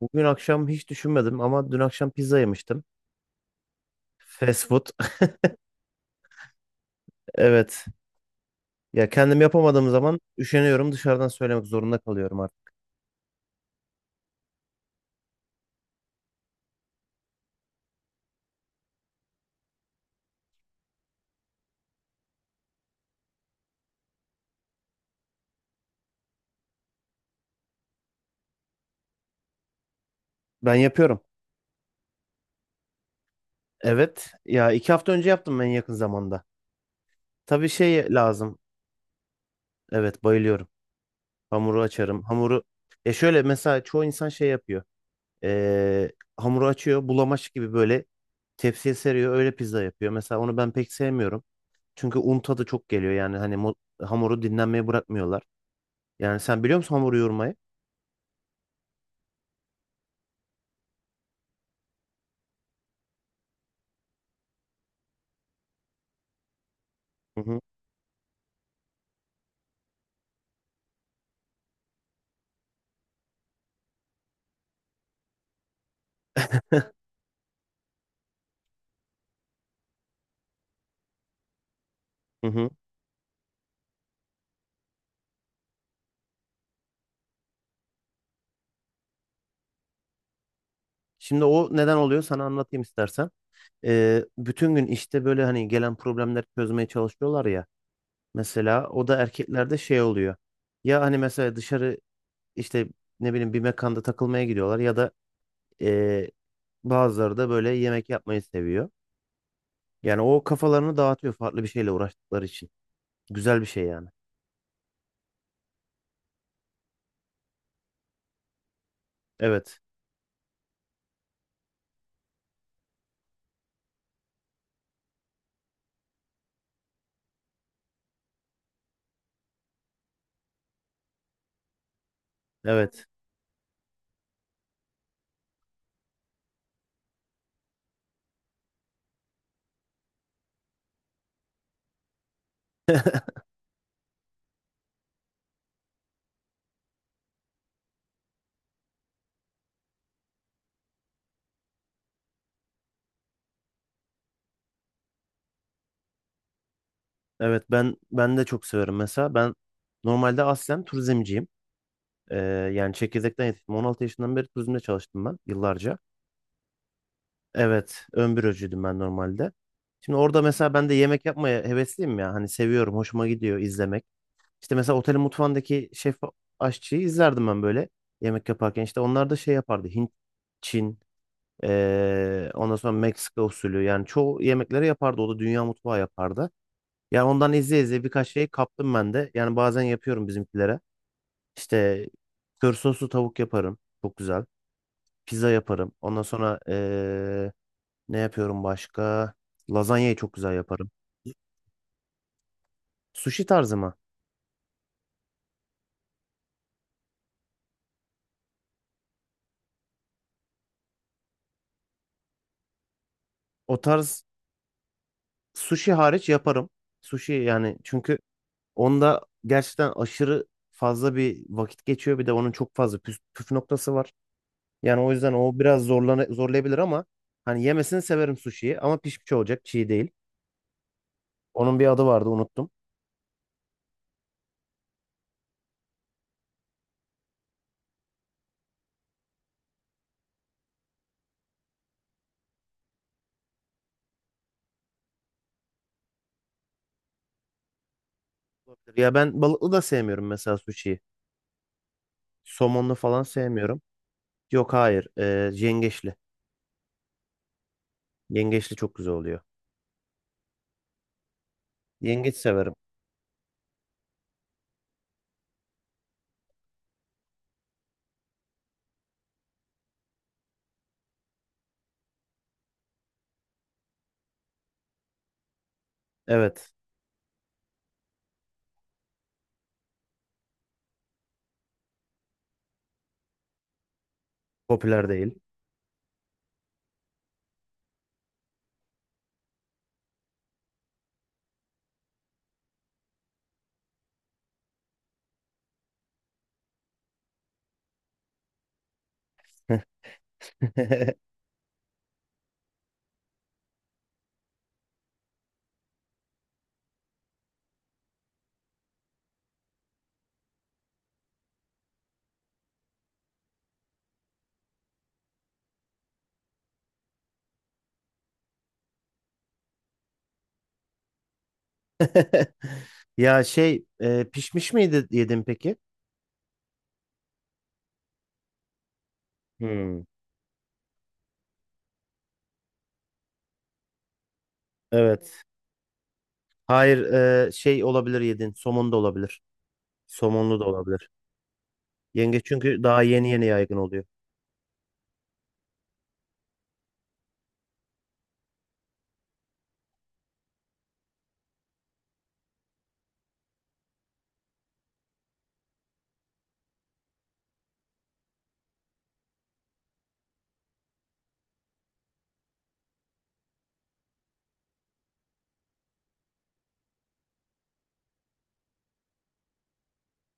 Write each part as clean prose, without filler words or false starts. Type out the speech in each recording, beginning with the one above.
Bugün akşam hiç düşünmedim ama dün akşam pizza yemiştim. Fast food. Evet. Ya kendim yapamadığım zaman üşeniyorum, dışarıdan söylemek zorunda kalıyorum artık. Ben yapıyorum. Evet. Ya 2 hafta önce yaptım en yakın zamanda. Tabii şey lazım. Evet, bayılıyorum. Hamuru açarım. Hamuru ya şöyle, mesela çoğu insan şey yapıyor. Ee, hamuru açıyor. Bulamaç gibi böyle tepsiye seriyor. Öyle pizza yapıyor. Mesela onu ben pek sevmiyorum. Çünkü un tadı çok geliyor. Yani hani hamuru dinlenmeye bırakmıyorlar. Yani sen biliyor musun hamuru yoğurmayı? Hı hı. Hı hı. Şimdi o neden oluyor, sana anlatayım istersen. Bütün gün işte böyle hani gelen problemleri çözmeye çalışıyorlar ya. Mesela o da erkeklerde şey oluyor. Ya hani mesela dışarı işte ne bileyim bir mekanda takılmaya gidiyorlar ya da ee, bazıları da böyle yemek yapmayı seviyor. Yani o kafalarını dağıtıyor, farklı bir şeyle uğraştıkları için. Güzel bir şey yani. Evet. Evet. Evet, ben de çok severim mesela. Ben normalde aslen turizmciyim. Ee, yani çekirdekten yetiştim. 16 yaşından beri turizmde çalıştım ben yıllarca. Evet, ön bürocuydum ben normalde. Şimdi orada mesela ben de yemek yapmaya hevesliyim ya. Hani seviyorum, hoşuma gidiyor izlemek. İşte mesela otelin mutfağındaki şef aşçıyı izlerdim ben böyle yemek yaparken. İşte onlar da şey yapardı. Hint, Çin, ondan sonra Meksika usulü. Yani çoğu yemekleri yapardı. O da dünya mutfağı yapardı. Yani ondan izleye izleye birkaç şey kaptım ben de. Yani bazen yapıyorum bizimkilere. İşte kör soslu tavuk yaparım. Çok güzel. Pizza yaparım. Ondan sonra ne yapıyorum başka? Lazanyayı çok güzel yaparım. Sushi tarzı mı? O tarz sushi hariç yaparım. Sushi yani, çünkü onda gerçekten aşırı fazla bir vakit geçiyor. Bir de onun çok fazla püf noktası var. Yani o yüzden o biraz zorlayabilir ama hani yemesini severim sushi'yi ama pişmiş olacak, çiğ değil. Onun bir adı vardı, unuttum. Olabilir. Ya ben balıklı da sevmiyorum mesela suşiyi. Somonlu falan sevmiyorum. Yok, hayır. Yengeçli. Yengeçli çok güzel oluyor. Yengeç severim. Evet. Popüler değil. Ya şey pişmiş miydi yedin peki? Hmm, evet. Hayır, şey olabilir yedin. Somon da olabilir. Somonlu da olabilir. Yengeç çünkü daha yeni yeni yaygın oluyor.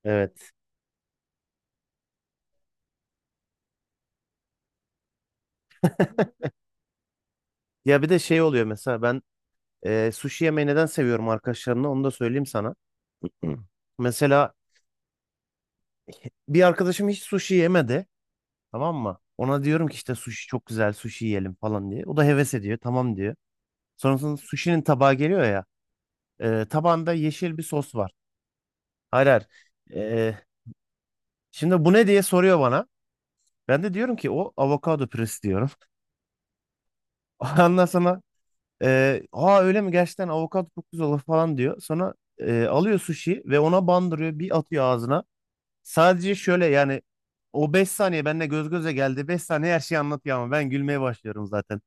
Evet. Ya bir de şey oluyor mesela ben sushi yemeği neden seviyorum arkadaşlarımla, onu da söyleyeyim sana. Hı. Mesela bir arkadaşım hiç sushi yemedi. Tamam mı? Ona diyorum ki işte sushi çok güzel, sushi yiyelim falan diye. O da heves ediyor. Tamam diyor. Sonrasında sushi'nin tabağı geliyor ya. E, tabağında yeşil bir sos var. Hayır, hayır. E, şimdi bu ne diye soruyor bana. Ben de diyorum ki o avokado püresi diyorum. Ondan sonra aa, öyle mi, gerçekten avokado çok güzel olur falan diyor. Sonra alıyor sushi ve ona bandırıyor. Bir atıyor ağzına. Sadece şöyle yani o 5 saniye benimle göz göze geldi. 5 saniye her şeyi anlatıyor ama ben gülmeye başlıyorum zaten.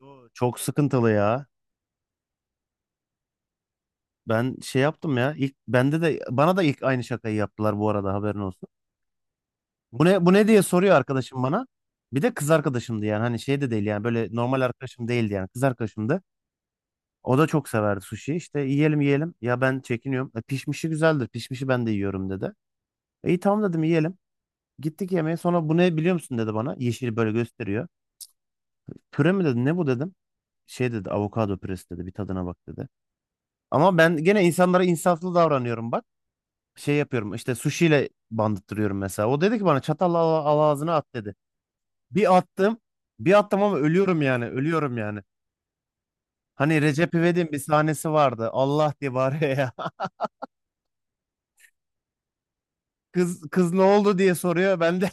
Yo, çok sıkıntılı ya. Ben şey yaptım ya. İlk bende de bana da ilk aynı şakayı yaptılar bu arada, haberin olsun. Bu ne diye soruyor arkadaşım bana. Bir de kız arkadaşımdı yani hani şey de değil yani böyle normal arkadaşım değildi yani kız arkadaşımdı. O da çok severdi sushi. İşte yiyelim. Ya ben çekiniyorum. E, pişmişi güzeldir. Pişmişi ben de yiyorum dedi. E, iyi tamam dedim, yiyelim. Gittik yemeğe. Sonra bu ne biliyor musun dedi bana. Yeşil böyle gösteriyor. Püre mi dedi? Ne bu dedim. Şey dedi, avokado püresi dedi. Bir tadına bak dedi. Ama ben gene insanlara insaflı davranıyorum bak. Şey yapıyorum işte sushiyle bandıttırıyorum mesela. O dedi ki bana çatalla al, al ağzına at dedi. Bir attım. Bir attım ama ölüyorum yani. Ölüyorum yani. Hani Recep İvedik'in bir sahnesi vardı. Allah diye bağırıyor ya. Kız ne oldu diye soruyor. Ben de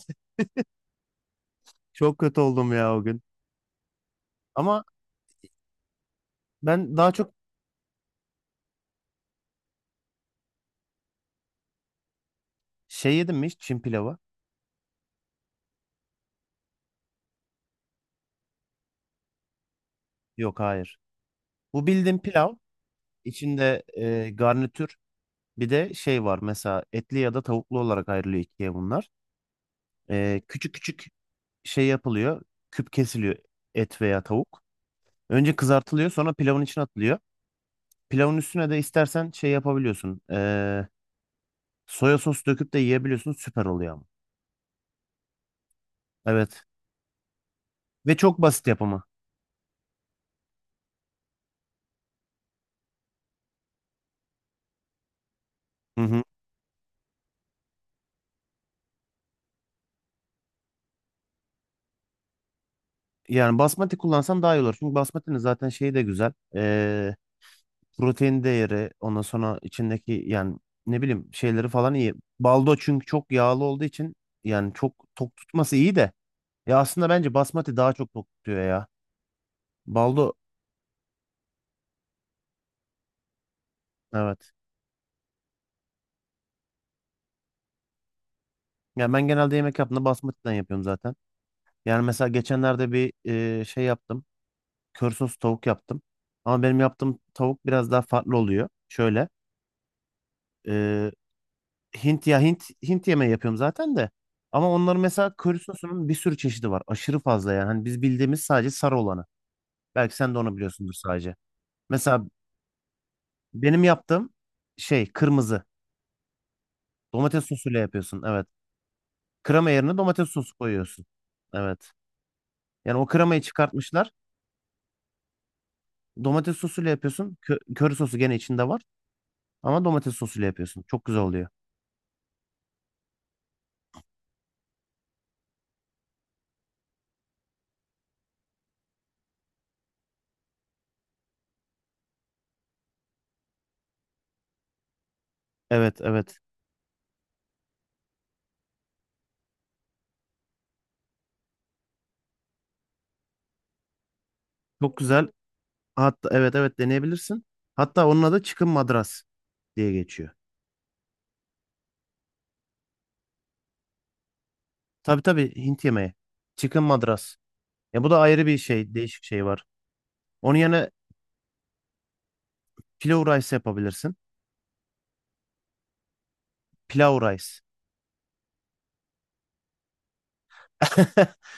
çok kötü oldum ya o gün. Ama ben daha çok şey yedim mi hiç Çin pilavı? Yok, hayır. Bu bildiğim pilav. İçinde garnitür. Bir de şey var mesela etli ya da tavuklu olarak ayrılıyor ikiye bunlar. Küçük küçük şey yapılıyor. Küp kesiliyor et veya tavuk. Önce kızartılıyor, sonra pilavın içine atılıyor. Pilavın üstüne de istersen şey yapabiliyorsun. Soya sos döküp de yiyebiliyorsun, süper oluyor ama. Evet ve çok basit yapımı. Hı hı. Yani basmati kullansan daha iyi olur. Çünkü basmatinin zaten şeyi de güzel. Protein değeri, ondan sonra içindeki yani ne bileyim şeyleri falan iyi. Baldo çünkü çok yağlı olduğu için yani çok tok tutması iyi de. Ya aslında bence basmati daha çok tok tutuyor ya. Baldo evet. Ya ben genelde yemek yaptığımda basmatiden yapıyorum zaten. Yani mesela geçenlerde bir şey yaptım. Kör sos tavuk yaptım. Ama benim yaptığım tavuk biraz daha farklı oluyor. Şöyle. Hint ya Hint yemeği yapıyorum zaten de. Ama onların mesela köri sosunun bir sürü çeşidi var. Aşırı fazla yani. Hani biz bildiğimiz sadece sarı olanı. Belki sen de onu biliyorsundur sadece. Mesela benim yaptığım şey kırmızı. Domates sosuyla yapıyorsun. Evet. Krema yerine domates sosu koyuyorsun. Evet. Yani o kremayı çıkartmışlar. Domates sosuyla yapıyorsun. Köri sosu gene içinde var. Ama domates sosuyla yapıyorsun. Çok güzel oluyor. Evet, evet. Çok güzel. Hatta evet, evet deneyebilirsin. Hatta onun adı çıkın madras diye geçiyor. Tabii, tabii Hint yemeği. Chicken madras. Ya bu da ayrı bir şey, değişik şey var. Onun yerine pilau rice yapabilirsin. Pilau rice.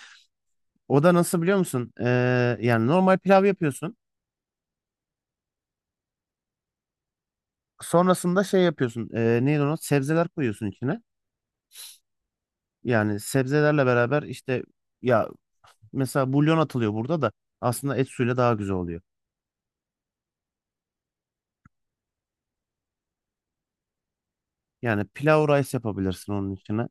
O da nasıl biliyor musun? Yani normal pilav yapıyorsun. Sonrasında şey yapıyorsun. Neydi onu? Sebzeler koyuyorsun içine. Yani sebzelerle beraber işte ya mesela bulyon atılıyor, burada da aslında et suyuyla daha güzel oluyor. Yani pilau rice yapabilirsin onun içine.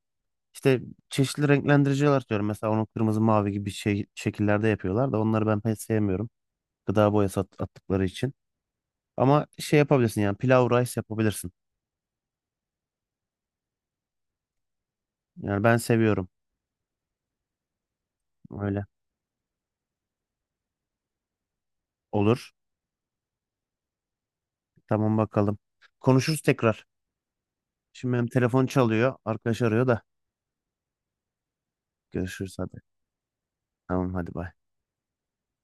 İşte çeşitli renklendiriciler atıyorum. Mesela onu kırmızı mavi gibi şey, şekillerde yapıyorlar da onları ben pek sevmiyorum. Gıda boyası attıkları için. Ama şey yapabilirsin yani pilav rice yapabilirsin. Yani ben seviyorum öyle. Olur. Tamam, bakalım. Konuşuruz tekrar. Şimdi benim telefon çalıyor. Arkadaş arıyor da. Görüşürüz hadi. Tamam, hadi bay.